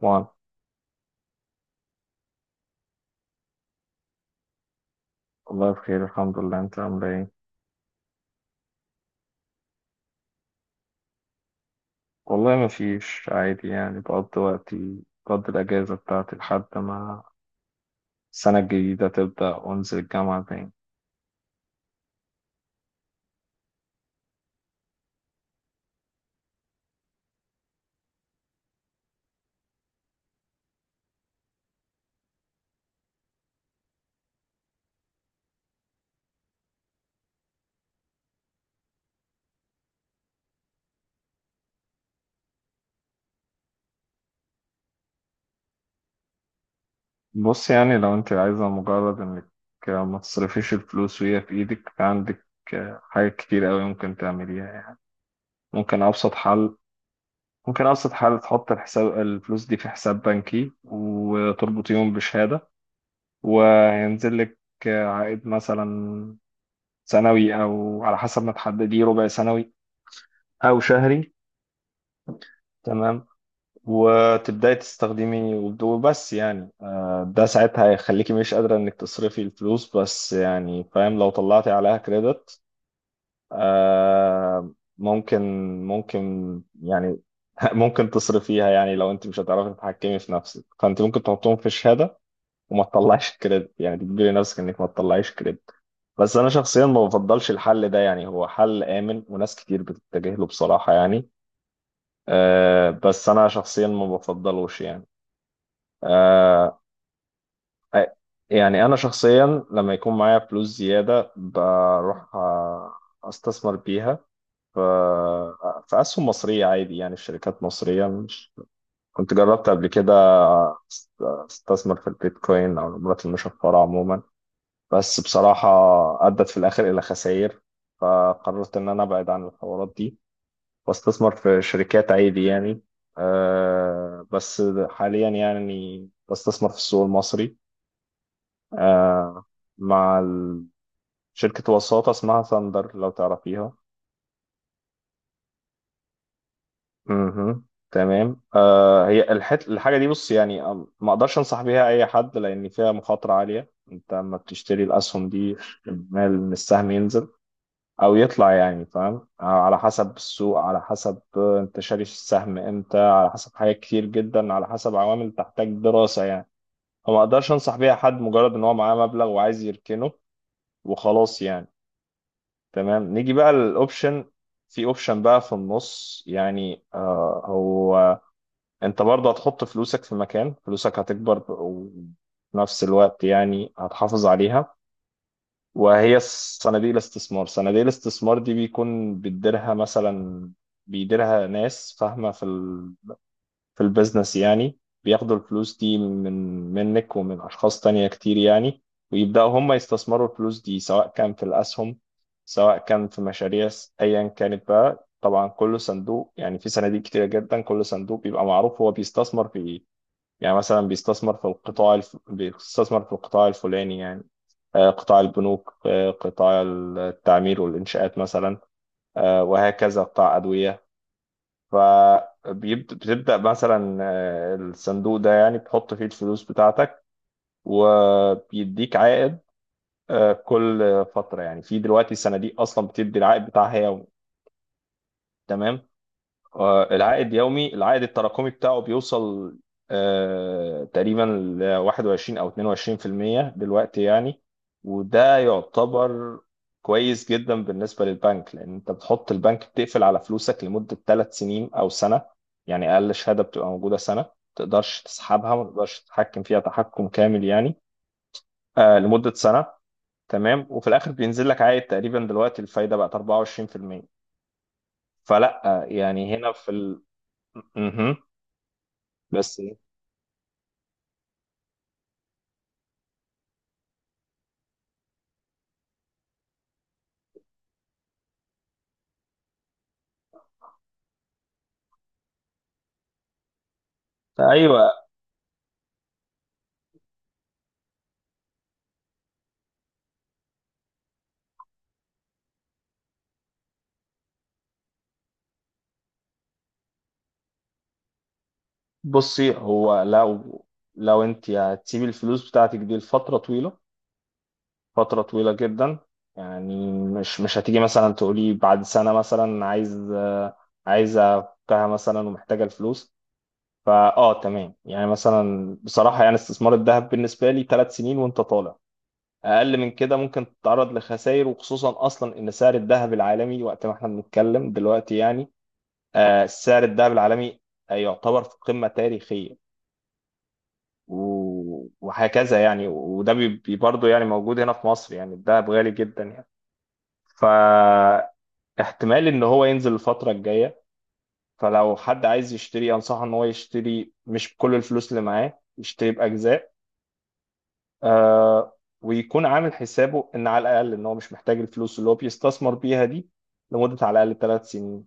وعن والله بخير الحمد لله. انت عامل ايه؟ والله ما فيش عادي، يعني بقضي وقتي، بقضي الاجازه بتاعتي لحد ما السنه الجديده تبدا وانزل الجامعه تاني. بص يعني لو انت عايزه مجرد انك ما تصرفيش الفلوس وهي في ايدك، عندك حاجات كتير قوي ممكن تعمليها يعني. ممكن ابسط حل، ممكن ابسط حل تحط الحساب، الفلوس دي في حساب بنكي وتربطيهم بشهاده، وهينزل لك عائد مثلا سنوي او على حسب ما تحدديه، ربع سنوي او شهري. تمام. وتبداي تستخدمي، وبس يعني ده ساعتها هيخليكي مش قادرة انك تصرفي الفلوس، بس يعني فاهم لو طلعتي عليها كريدت. آه، ممكن، ممكن. يعني ممكن تصرفيها يعني. لو انت مش هتعرفي تتحكمي في نفسك، فانت ممكن تحطهم في شهادة وما تطلعش كريدت، يعني تجبري نفسك انك ما تطلعيش كريدت. بس انا شخصيا ما بفضلش الحل ده يعني. هو حل امن وناس كتير بتتجه له بصراحة يعني. أه، بس انا شخصيا ما بفضلوش يعني. أه. أ- يعني انا شخصيا لما يكون معايا فلوس زيادة بروح استثمر بيها ف- في اسهم مصرية عادي، يعني في شركات مصرية. مش كنت جربت قبل كده استثمر في البيتكوين او العملات المشفرة عموما، بس بصراحة أدت في الآخر إلى خسائر، فقررت إن أنا أبعد عن الحوارات دي وأستثمر في شركات عادي يعني. أه بس حاليا يعني بستثمر في السوق المصري. أه، مع ال- شركة وساطة اسمها ثاندر لو تعرفيها. مهم. تمام. أه، هي الحاجة دي، بص يعني، ما أقدرش أنصح بيها أي حد لأن فيها مخاطرة عالية. أنت لما بتشتري الأسهم دي، احتمال إن السهم ينزل او يطلع، يعني فاهم، على حسب السوق، على حسب انت شاري السهم امتى، على حسب حاجات كتير جدا، على حسب عوامل تحتاج دراسة يعني. فما اقدرش انصح بيها حد مجرد ان هو معاه مبلغ وعايز يركنه وخلاص يعني. تمام. نيجي بقى للاوبشن، في اوبشن بقى في النص، يعني هو انت برضه هتحط فلوسك في مكان، فلوسك هتكبر وفي نفس الوقت يعني هتحافظ عليها، وهي صناديق الاستثمار. صناديق الاستثمار دي بيكون بيديرها ناس فاهمة في البيزنس يعني. بياخدوا الفلوس دي من منك ومن أشخاص تانية كتير يعني، ويبدأوا هم يستثمروا الفلوس دي، سواء كان في الأسهم، سواء كان في مشاريع، أيا كانت بقى. طبعا كل صندوق يعني، في صناديق كتيرة جدا، كل صندوق بيبقى معروف هو بيستثمر في إيه، يعني مثلا بيستثمر في بيستثمر في القطاع الفلاني يعني. قطاع البنوك، قطاع التعمير والإنشاءات مثلا، وهكذا، قطاع أدوية. فبتبدأ مثلا، الصندوق ده يعني بتحط فيه الفلوس بتاعتك وبيديك عائد كل فترة يعني. في دلوقتي صناديق أصلا بتدي العائد بتاعها يومي. تمام. العائد يومي، العائد التراكمي بتاعه بيوصل تقريبا ل 21 او 22% دلوقتي يعني، وده يعتبر كويس جدا بالنسبة للبنك. لان انت بتحط البنك بتقفل على فلوسك لمدة ثلاث سنين او سنة يعني. اقل شهادة بتبقى موجودة سنة، ما تقدرش تسحبها، ما تقدرش تتحكم فيها تحكم كامل يعني. لمدة سنة. تمام. وفي الاخر بينزل لك عائد تقريبا. دلوقتي الفايدة بقت 24%. فلا يعني هنا مهم. بس ايوه. بصي، هو لو انت هتسيبي الفلوس بتاعتك دي لفتره طويله، فتره طويله جدا. يعني مش هتيجي مثلا تقولي بعد سنه مثلا عايز، عايزه افكها مثلا ومحتاجه الفلوس. فا اه تمام. يعني مثلا بصراحه يعني، استثمار الذهب بالنسبه لي ثلاث سنين وانت طالع. اقل من كده ممكن تتعرض لخسائر، وخصوصا اصلا ان سعر الذهب العالمي وقت ما احنا بنتكلم دلوقتي يعني، سعر الذهب العالمي يعتبر في قمة تاريخية، وهكذا يعني. وده برضه يعني موجود هنا في مصر، يعني الدهب غالي جدا يعني. فاحتمال ان هو ينزل الفترة الجاية. فلو حد عايز يشتري انصحه ان هو يشتري، مش بكل الفلوس اللي معاه، يشتري بأجزاء. آه، ويكون عامل حسابه ان على الاقل ان هو مش محتاج الفلوس اللي هو بيستثمر بيها دي لمدة على الاقل ثلاث سنين،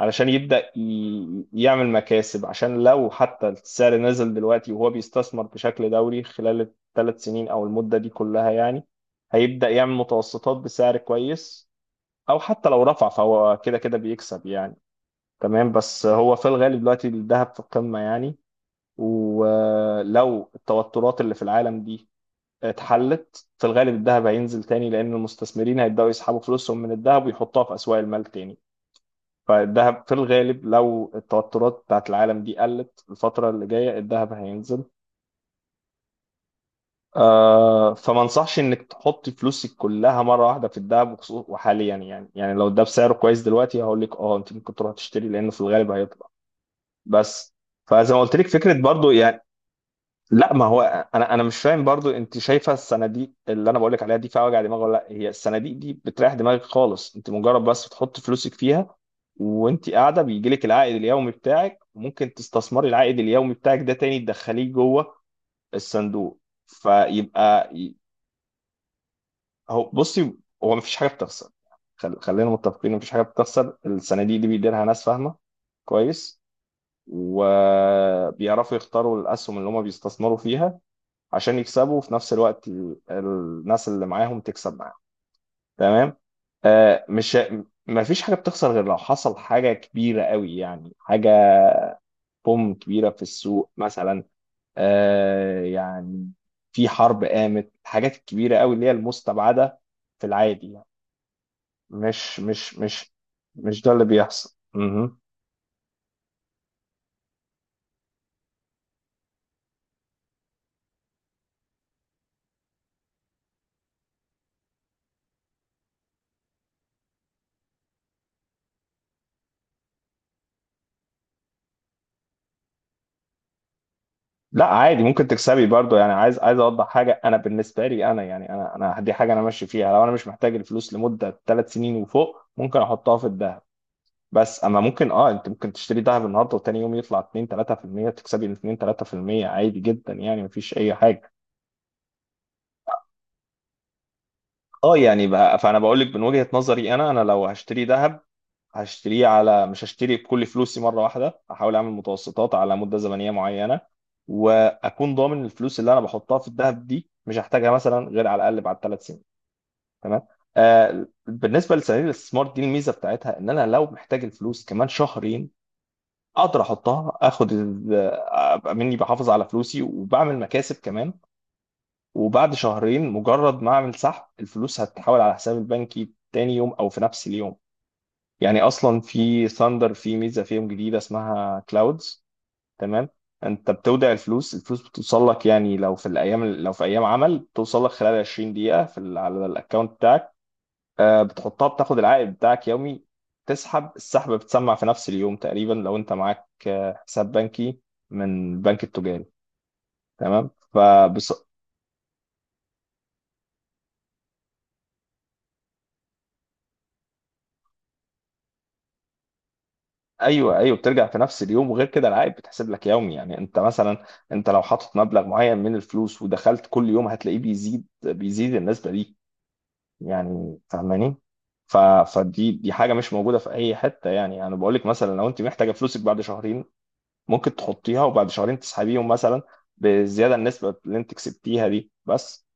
علشان يبدأ يعمل مكاسب. عشان لو حتى السعر نزل دلوقتي وهو بيستثمر بشكل دوري خلال الثلاث سنين أو المدة دي كلها يعني، هيبدأ يعمل متوسطات بسعر كويس، أو حتى لو رفع فهو كده كده بيكسب يعني. تمام. بس هو في الغالب دلوقتي الذهب في القمة يعني، ولو التوترات اللي في العالم دي اتحلت، في الغالب الذهب هينزل تاني، لأن المستثمرين هيبدأوا يسحبوا فلوسهم من الذهب ويحطوها في أسواق المال تاني. فالذهب في الغالب لو التوترات بتاعت العالم دي قلت الفترة اللي جاية، الذهب هينزل. آه، فما انصحش انك تحط فلوسك كلها مرة واحدة في الذهب، وحاليا يعني، يعني لو ده بسعره كويس دلوقتي هقول لك اه انت ممكن تروح تشتري لانه في الغالب هيطلع. بس فزي ما قلت لك، فكرة برضو يعني. لا ما هو انا مش فاهم برضو. انت شايفه الصناديق اللي انا بقول لك عليها دي فيها وجع دماغ ولا لا؟ هي الصناديق دي بتريح دماغك خالص. انت مجرد بس بتحط فلوسك فيها وانت قاعده، بيجي لك العائد اليومي بتاعك، وممكن تستثمري العائد اليومي بتاعك ده تاني، تدخليه جوه الصندوق. فيبقى هو، بصي، هو مفيش حاجه بتخسر. خلينا متفقين، مفيش حاجه بتخسر. الصناديق دي بيديرها ناس فاهمه كويس، وبيعرفوا يختاروا الاسهم اللي هم بيستثمروا فيها، عشان يكسبوا وفي نفس الوقت الناس اللي معاهم تكسب معاهم. تمام. آه مش ما فيش حاجة بتخسر، غير لو حصل حاجة كبيرة قوي، يعني حاجة بوم كبيرة في السوق مثلا. آه، يعني في حرب قامت، الحاجات الكبيرة قوي اللي هي المستبعدة في العادي يعني. مش مش ده اللي بيحصل. لا عادي ممكن تكسبي برضو يعني. عايز، عايز اوضح حاجه. انا بالنسبه لي، انا يعني، انا دي حاجه انا ماشي فيها. لو انا مش محتاج الفلوس لمده ثلاث سنين وفوق ممكن احطها في الذهب. بس اما ممكن اه، انت ممكن تشتري ذهب النهارده وتاني يوم يطلع 2 3%، تكسبي 2 3% عادي جدا يعني مفيش اي حاجه. اه يعني بقى فانا بقول لك من وجهه نظري، انا انا لو هشتري ذهب هشتريه على، مش هشتري بكل فلوسي مرة واحدة، هحاول أعمل متوسطات على مدة زمنية معينة، وأكون ضامن الفلوس اللي أنا بحطها في الذهب دي مش هحتاجها مثلا غير على الأقل بعد ثلاث سنين. تمام. آه، بالنسبة لصناديق الاستثمار دي، الميزة بتاعتها إن أنا لو محتاج الفلوس كمان شهرين أقدر أحطها، آخد أبقى مني بحافظ على فلوسي وبعمل مكاسب كمان، وبعد شهرين مجرد ما أعمل سحب الفلوس هتتحول على حسابي البنكي تاني يوم أو في نفس اليوم. يعني اصلا في ثاندر في ميزه فيهم جديده اسمها كلاودز. تمام. انت بتودع الفلوس، الفلوس بتوصل لك، يعني لو في الايام، لو في ايام عمل بتوصل لك خلال 20 دقيقه على الاكونت بتاعك. بتحطها، بتاخد العائد بتاعك يومي، تسحب السحب بتسمع في نفس اليوم تقريبا، لو انت معاك حساب بنكي من البنك التجاري. تمام. فبص. ايوه، ايوه، بترجع في نفس اليوم، وغير كده العائد بتحسب لك يومي. يعني انت مثلا، انت لو حاطط مبلغ معين من الفلوس ودخلت كل يوم هتلاقيه بيزيد، بيزيد النسبه دي، يعني فاهماني. فدي حاجه مش موجوده في اي حته يعني. انا بقول لك مثلا، لو انت محتاجه فلوسك بعد شهرين ممكن تحطيها وبعد شهرين تسحبيهم مثلا بالزياده، النسبه اللي انت كسبتيها دي بس.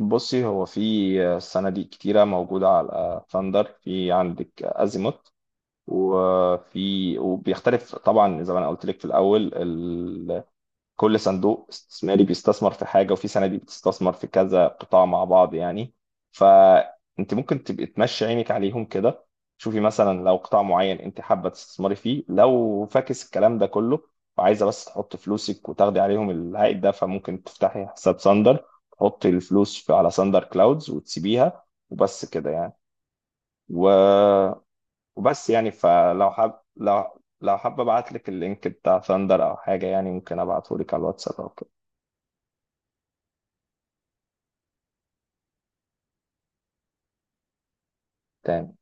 بصي، هو في صناديق كتيره موجوده على ثاندر، في عندك ازيموت، وفي، وبيختلف طبعا زي ما انا قلت لك في الاول كل صندوق استثماري بيستثمر في حاجه، وفي صناديق بتستثمر في كذا قطاع مع بعض يعني. فانت ممكن تبقي تمشي عينك عليهم كده، شوفي مثلا لو قطاع معين انت حابه تستثمري فيه. لو فاكس الكلام ده كله وعايزه بس تحط فلوسك وتاخدي عليهم العائد ده، فممكن تفتحي حساب ساندر، تحطي الفلوس في، على ساندر كلاودز، وتسيبيها وبس كده يعني. و، وبس يعني، فلو حاب، لو حابب ابعت لك اللينك بتاع ثاندر او حاجه يعني، ممكن ابعته لك على الواتساب او كده. تمام.